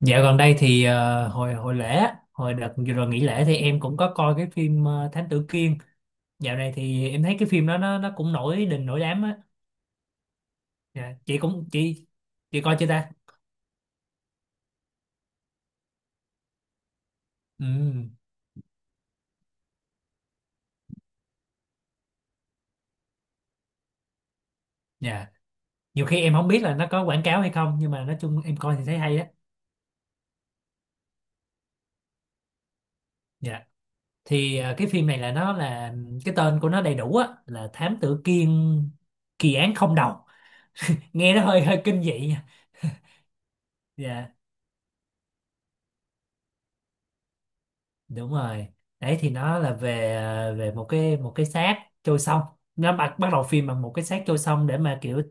Dạo gần đây thì hồi hồi lễ, á, hồi đợt vừa rồi nghỉ lễ thì em cũng có coi cái phim Thám Tử Kiên. Dạo này thì em thấy cái phim đó nó cũng nổi đình nổi đám á. Dạ, chị cũng chị coi chưa ta? Ừ. Dạ. Nhiều khi em không biết là nó có quảng cáo hay không, nhưng mà nói chung em coi thì thấy hay á. Dạ. Thì cái phim này là nó, là cái tên của nó đầy đủ á là Thám Tử Kiên, kỳ án không đầu. Nghe nó hơi hơi kinh dị nha. Dạ, đúng rồi. Đấy thì nó là về về một cái xác trôi sông. Nó bắt bắt đầu phim bằng một cái xác trôi sông để mà kiểu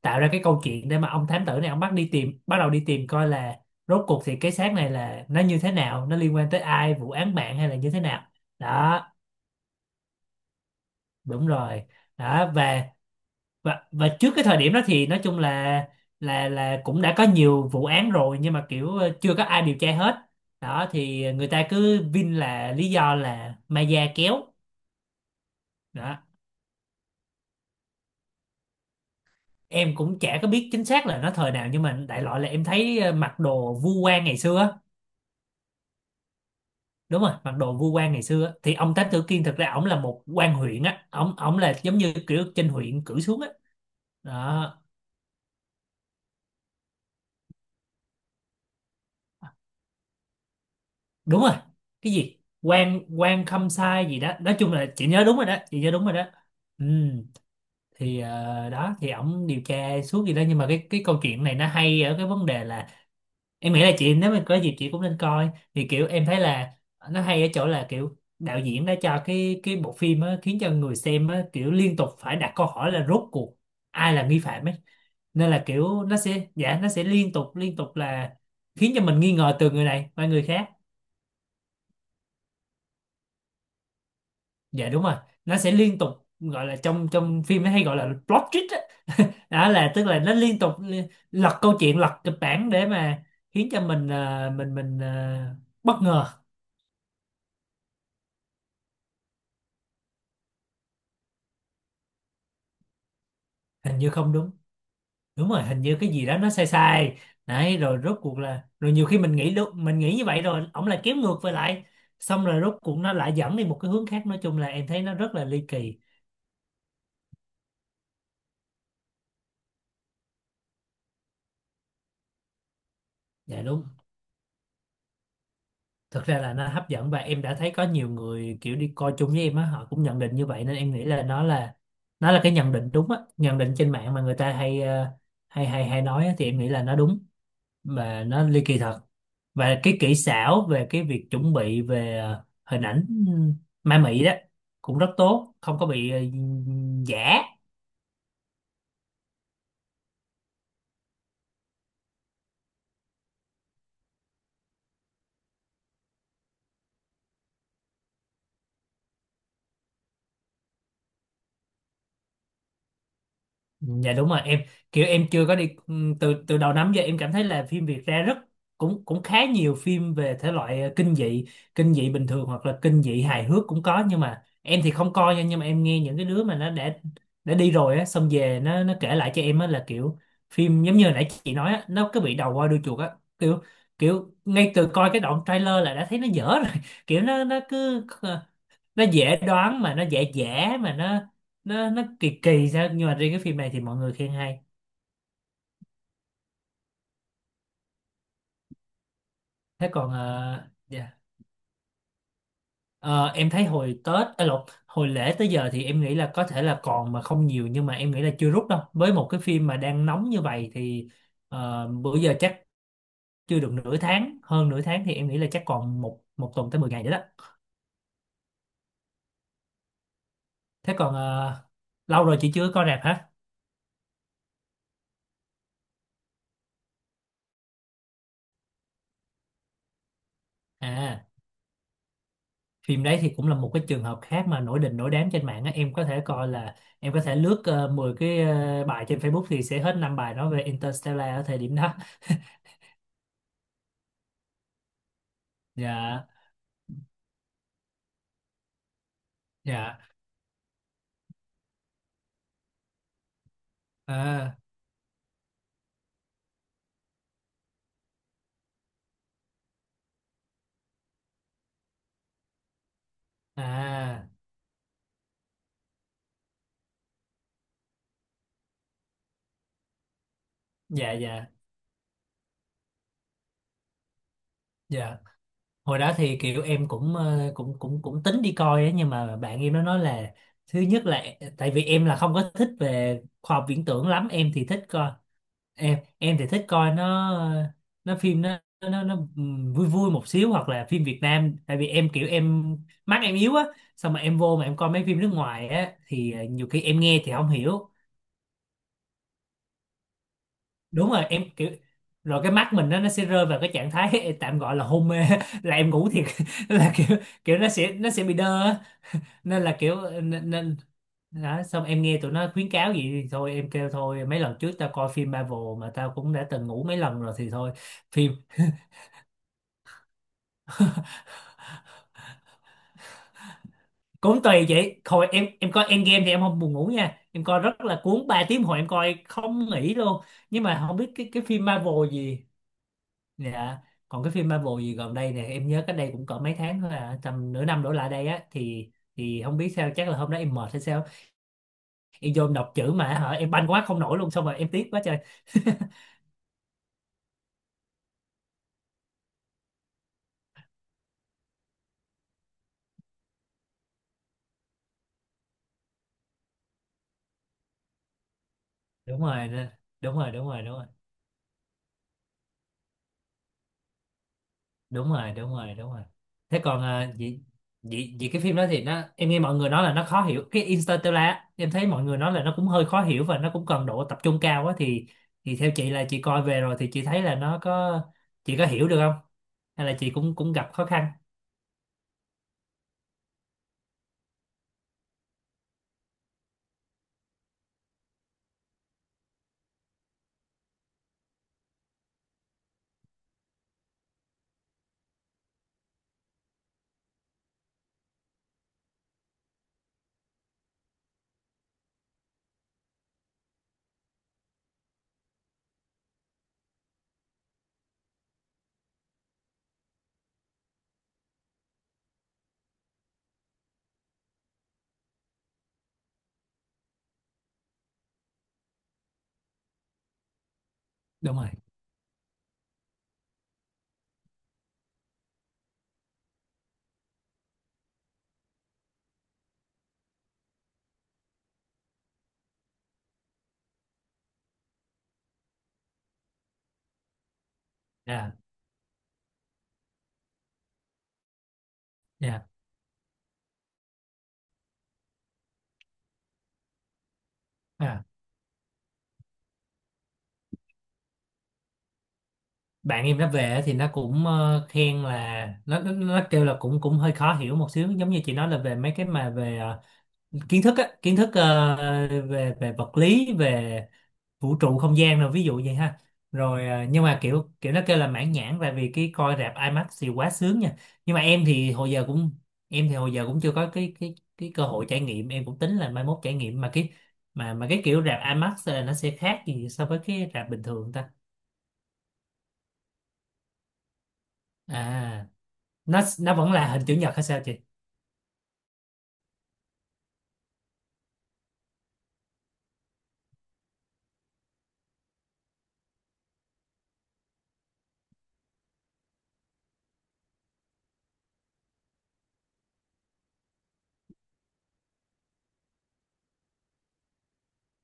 tạo ra cái câu chuyện, để mà ông thám tử này ông bắt đầu đi tìm coi là rốt cuộc thì cái xác này là nó như thế nào, nó liên quan tới ai, vụ án mạng hay là như thế nào. Đó, đúng rồi đó. Và trước cái thời điểm đó thì nói chung là, là cũng đã có nhiều vụ án rồi nhưng mà kiểu chưa có ai điều tra hết. Đó thì người ta cứ vin là lý do là ma da kéo đó. Em cũng chả có biết chính xác là nó thời nào, nhưng mà đại loại là em thấy mặc đồ vu quan ngày xưa á. Đúng rồi, mặc đồ vu quan ngày xưa á. Thì ông Thám Tử Kiên thực ra ổng là một quan huyện á, ổng ổng là giống như kiểu trên huyện cử xuống á. Đó, đúng rồi. Cái gì quan quan khâm sai gì đó, nói chung là chị nhớ đúng rồi đó, chị nhớ đúng rồi đó. Ừ. Thì đó thì ổng điều tra suốt gì đó, nhưng mà cái câu chuyện này nó hay ở cái vấn đề là em nghĩ là chị nếu mà có dịp chị cũng nên coi. Thì kiểu em thấy là nó hay ở chỗ là kiểu đạo diễn đã cho cái bộ phim á, khiến cho người xem á, kiểu liên tục phải đặt câu hỏi là rốt cuộc ai là nghi phạm ấy. Nên là kiểu nó sẽ, dạ, nó sẽ liên tục là khiến cho mình nghi ngờ từ người này qua người khác. Dạ đúng rồi. Nó sẽ liên tục, gọi là trong, phim ấy hay gọi là plot twist á. Đó, là tức là nó liên tục lật câu chuyện, lật kịch bản để mà khiến cho mình mình bất ngờ. Hình như không đúng. Đúng rồi, hình như cái gì đó nó sai sai. Đấy, rồi rốt cuộc là, rồi nhiều khi mình nghĩ lúc mình nghĩ như vậy rồi ổng lại kéo ngược về lại. Xong rồi rốt cuộc nó lại dẫn đi một cái hướng khác. Nói chung là em thấy nó rất là ly kỳ. Dạ đúng. Thực ra là nó hấp dẫn và em đã thấy có nhiều người kiểu đi coi chung với em á, họ cũng nhận định như vậy, nên em nghĩ là nó là, cái nhận định đúng á, nhận định trên mạng mà người ta hay hay nói á, thì em nghĩ là nó đúng và nó ly kỳ thật. Và cái kỹ xảo về cái việc chuẩn bị về hình ảnh, ừ, ma mị đó cũng rất tốt, không có bị giả. Dạ đúng rồi. Em kiểu em chưa có đi, từ từ đầu năm giờ em cảm thấy là phim Việt ra rất, cũng cũng khá nhiều phim về thể loại kinh dị. Kinh dị bình thường hoặc là kinh dị hài hước cũng có, nhưng mà em thì không coi nha. Nhưng mà em nghe những cái đứa mà nó đã đi rồi á, xong về nó kể lại cho em á là kiểu phim giống như hồi nãy chị nói á, nó cứ bị đầu voi đuôi chuột á. Kiểu kiểu ngay từ coi cái đoạn trailer là đã thấy nó dở rồi. Kiểu nó cứ, nó dễ đoán mà nó dễ dễ mà nó kỳ kỳ sao. Nhưng mà riêng cái phim này thì mọi người khen hay. Thế còn dạ. Ờ, em thấy hồi Tết, à lộn, hồi lễ tới giờ thì em nghĩ là có thể là còn mà không nhiều, nhưng mà em nghĩ là chưa rút đâu. Với một cái phim mà đang nóng như vậy thì bữa giờ chắc chưa được nửa tháng, hơn nửa tháng, thì em nghĩ là chắc còn một một tuần tới 10 ngày nữa đó. Thế còn lâu rồi chị chưa có coi rạp hả? À, phim đấy thì cũng là một cái trường hợp khác mà nổi đình nổi đám trên mạng á. Em có thể coi là em có thể lướt 10 cái bài trên Facebook thì sẽ hết 5 bài nói về Interstellar ở thời điểm đó. Dạ dạ. À à. Dạ dạ dạ. Hồi đó thì kiểu em cũng cũng tính đi coi á, nhưng mà bạn em nó nói là thứ nhất là, tại vì em là không có thích về khoa học viễn tưởng lắm, em thì thích coi, em thì thích coi nó. Nó, phim nó vui vui một xíu hoặc là phim Việt Nam, tại vì em kiểu em, mắt em yếu á. Xong mà em vô mà em coi mấy phim nước ngoài á thì nhiều khi em nghe thì không hiểu. Đúng rồi, em kiểu, rồi cái mắt mình nó sẽ rơi vào cái trạng thái tạm gọi là hôn mê, là em ngủ thiệt, là kiểu kiểu nó sẽ bị đơ á. Nên là kiểu nên, nên đó. Xong em nghe tụi nó khuyến cáo gì thì thôi em kêu thôi, mấy lần trước tao coi phim Marvel mà tao cũng đã từng ngủ mấy lần rồi thì thôi. Phim cũng tùy chị. Hồi em coi Endgame thì em không buồn ngủ nha, em coi rất là cuốn, 3 tiếng hồi em coi không nghỉ luôn. Nhưng mà không biết cái phim Marvel gì. Dạ, còn cái phim Marvel gì gần đây nè, em nhớ cách đây cũng cỡ mấy tháng thôi, à tầm nửa năm đổ lại đây á, thì không biết sao, chắc là hôm đó em mệt hay sao, em vô em đọc chữ mà hả em banh quá không nổi luôn, xong rồi em tiếc quá trời. Đúng rồi đúng rồi đúng rồi. Đúng rồi đúng rồi đúng rồi đúng rồi. Thế còn, à vậy, vậy cái phim đó thì nó, em nghe mọi người nói là nó khó hiểu, cái Interstellar á. Em thấy mọi người nói là nó cũng hơi khó hiểu và nó cũng cần độ tập trung cao quá, thì theo chị là chị coi về rồi thì chị thấy là nó có, chị có hiểu được không, hay là chị cũng cũng gặp khó khăn? Đúng rồi. À, dạ. À, bạn em nó về á thì nó cũng khen là nó, nó kêu là cũng cũng hơi khó hiểu một xíu, giống như chị nói là về mấy cái mà về kiến thức á, kiến thức về về vật lý, về vũ trụ không gian rồi ví dụ vậy ha. Rồi à, nhưng mà kiểu kiểu nó kêu là mãn nhãn, tại vì cái coi rạp IMAX thì quá sướng nha. Nhưng mà em thì hồi giờ cũng, chưa có cái cái cơ hội trải nghiệm. Em cũng tính là mai mốt trải nghiệm, mà cái, mà cái kiểu rạp IMAX là nó sẽ khác gì so với cái rạp bình thường ta? À, nó vẫn là hình chữ nhật hay sao chị?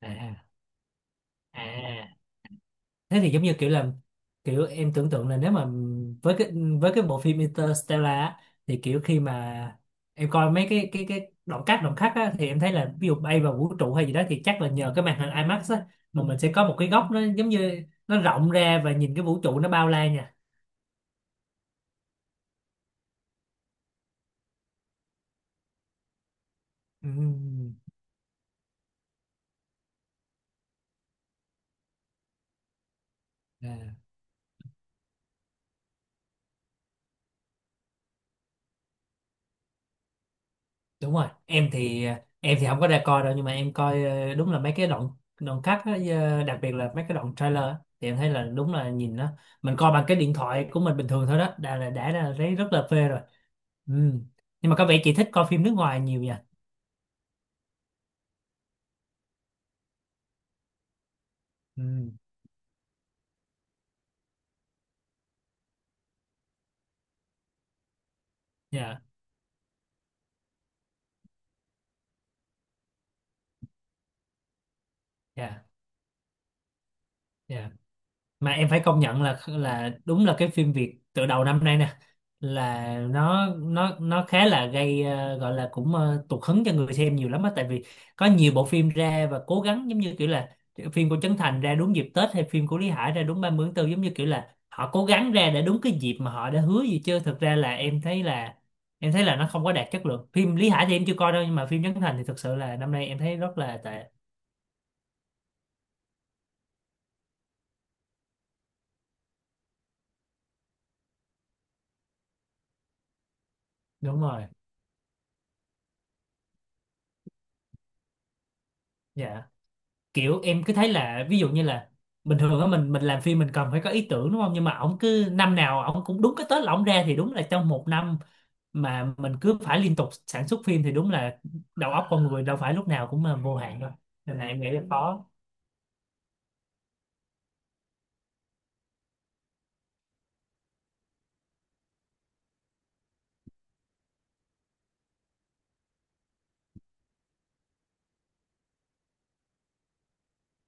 À à à. Thế thì giống như kiểu là kiểu em tưởng tượng là nếu mà với cái, bộ phim Interstellar á, thì kiểu khi mà em coi mấy cái cái đoạn cắt, á, thì em thấy là ví dụ bay vào vũ trụ hay gì đó thì chắc là nhờ cái màn hình IMAX á, mà mình sẽ có một cái góc nó giống như nó rộng ra và nhìn cái vũ trụ nó bao la nha. Ừm. À. Đúng rồi. Em thì, không có ra coi đâu nhưng mà em coi, đúng là mấy cái đoạn, cắt á, đặc biệt là mấy cái đoạn trailer á, thì em thấy là đúng là nhìn nó, mình coi bằng cái điện thoại của mình bình thường thôi đó, đã là thấy rất là phê rồi. Ừ. Nhưng mà có vẻ chị thích coi phim nước ngoài nhiều nha. Ừ. Dạ dạ dạ. Mà em phải công nhận là đúng là cái phim Việt từ đầu năm nay nè, là nó khá là gây gọi là cũng tụt hứng cho người xem nhiều lắm á. Tại vì có nhiều bộ phim ra và cố gắng, giống như kiểu là phim của Trấn Thành ra đúng dịp Tết, hay phim của Lý Hải ra đúng 30 tháng 4, giống như kiểu là họ cố gắng ra để đúng cái dịp mà họ đã hứa gì, chứ thực ra là em thấy là nó không có đạt chất lượng. Phim Lý Hải thì em chưa coi đâu, nhưng mà phim Trấn Thành thì thực sự là năm nay em thấy rất là tệ. Đúng rồi. Dạ, kiểu em cứ thấy là ví dụ như là bình thường á, mình làm phim mình cần phải có ý tưởng đúng không, nhưng mà ổng cứ năm nào ổng cũng đúng cái Tết là ổng ra, thì đúng là trong một năm mà mình cứ phải liên tục sản xuất phim thì đúng là đầu óc con người đâu phải lúc nào cũng mà vô hạn đâu, nên là em nghĩ là khó.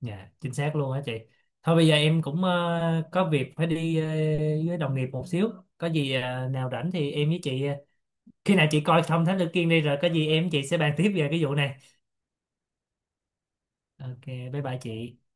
Dạ chính xác luôn á chị. Thôi bây giờ em cũng có việc phải đi với đồng nghiệp một xíu, có gì nào rảnh thì em với chị, khi nào chị coi xong Thám Tử Kiên đi, rồi có gì em với chị sẽ bàn tiếp về cái vụ này. Ok, bye bye chị.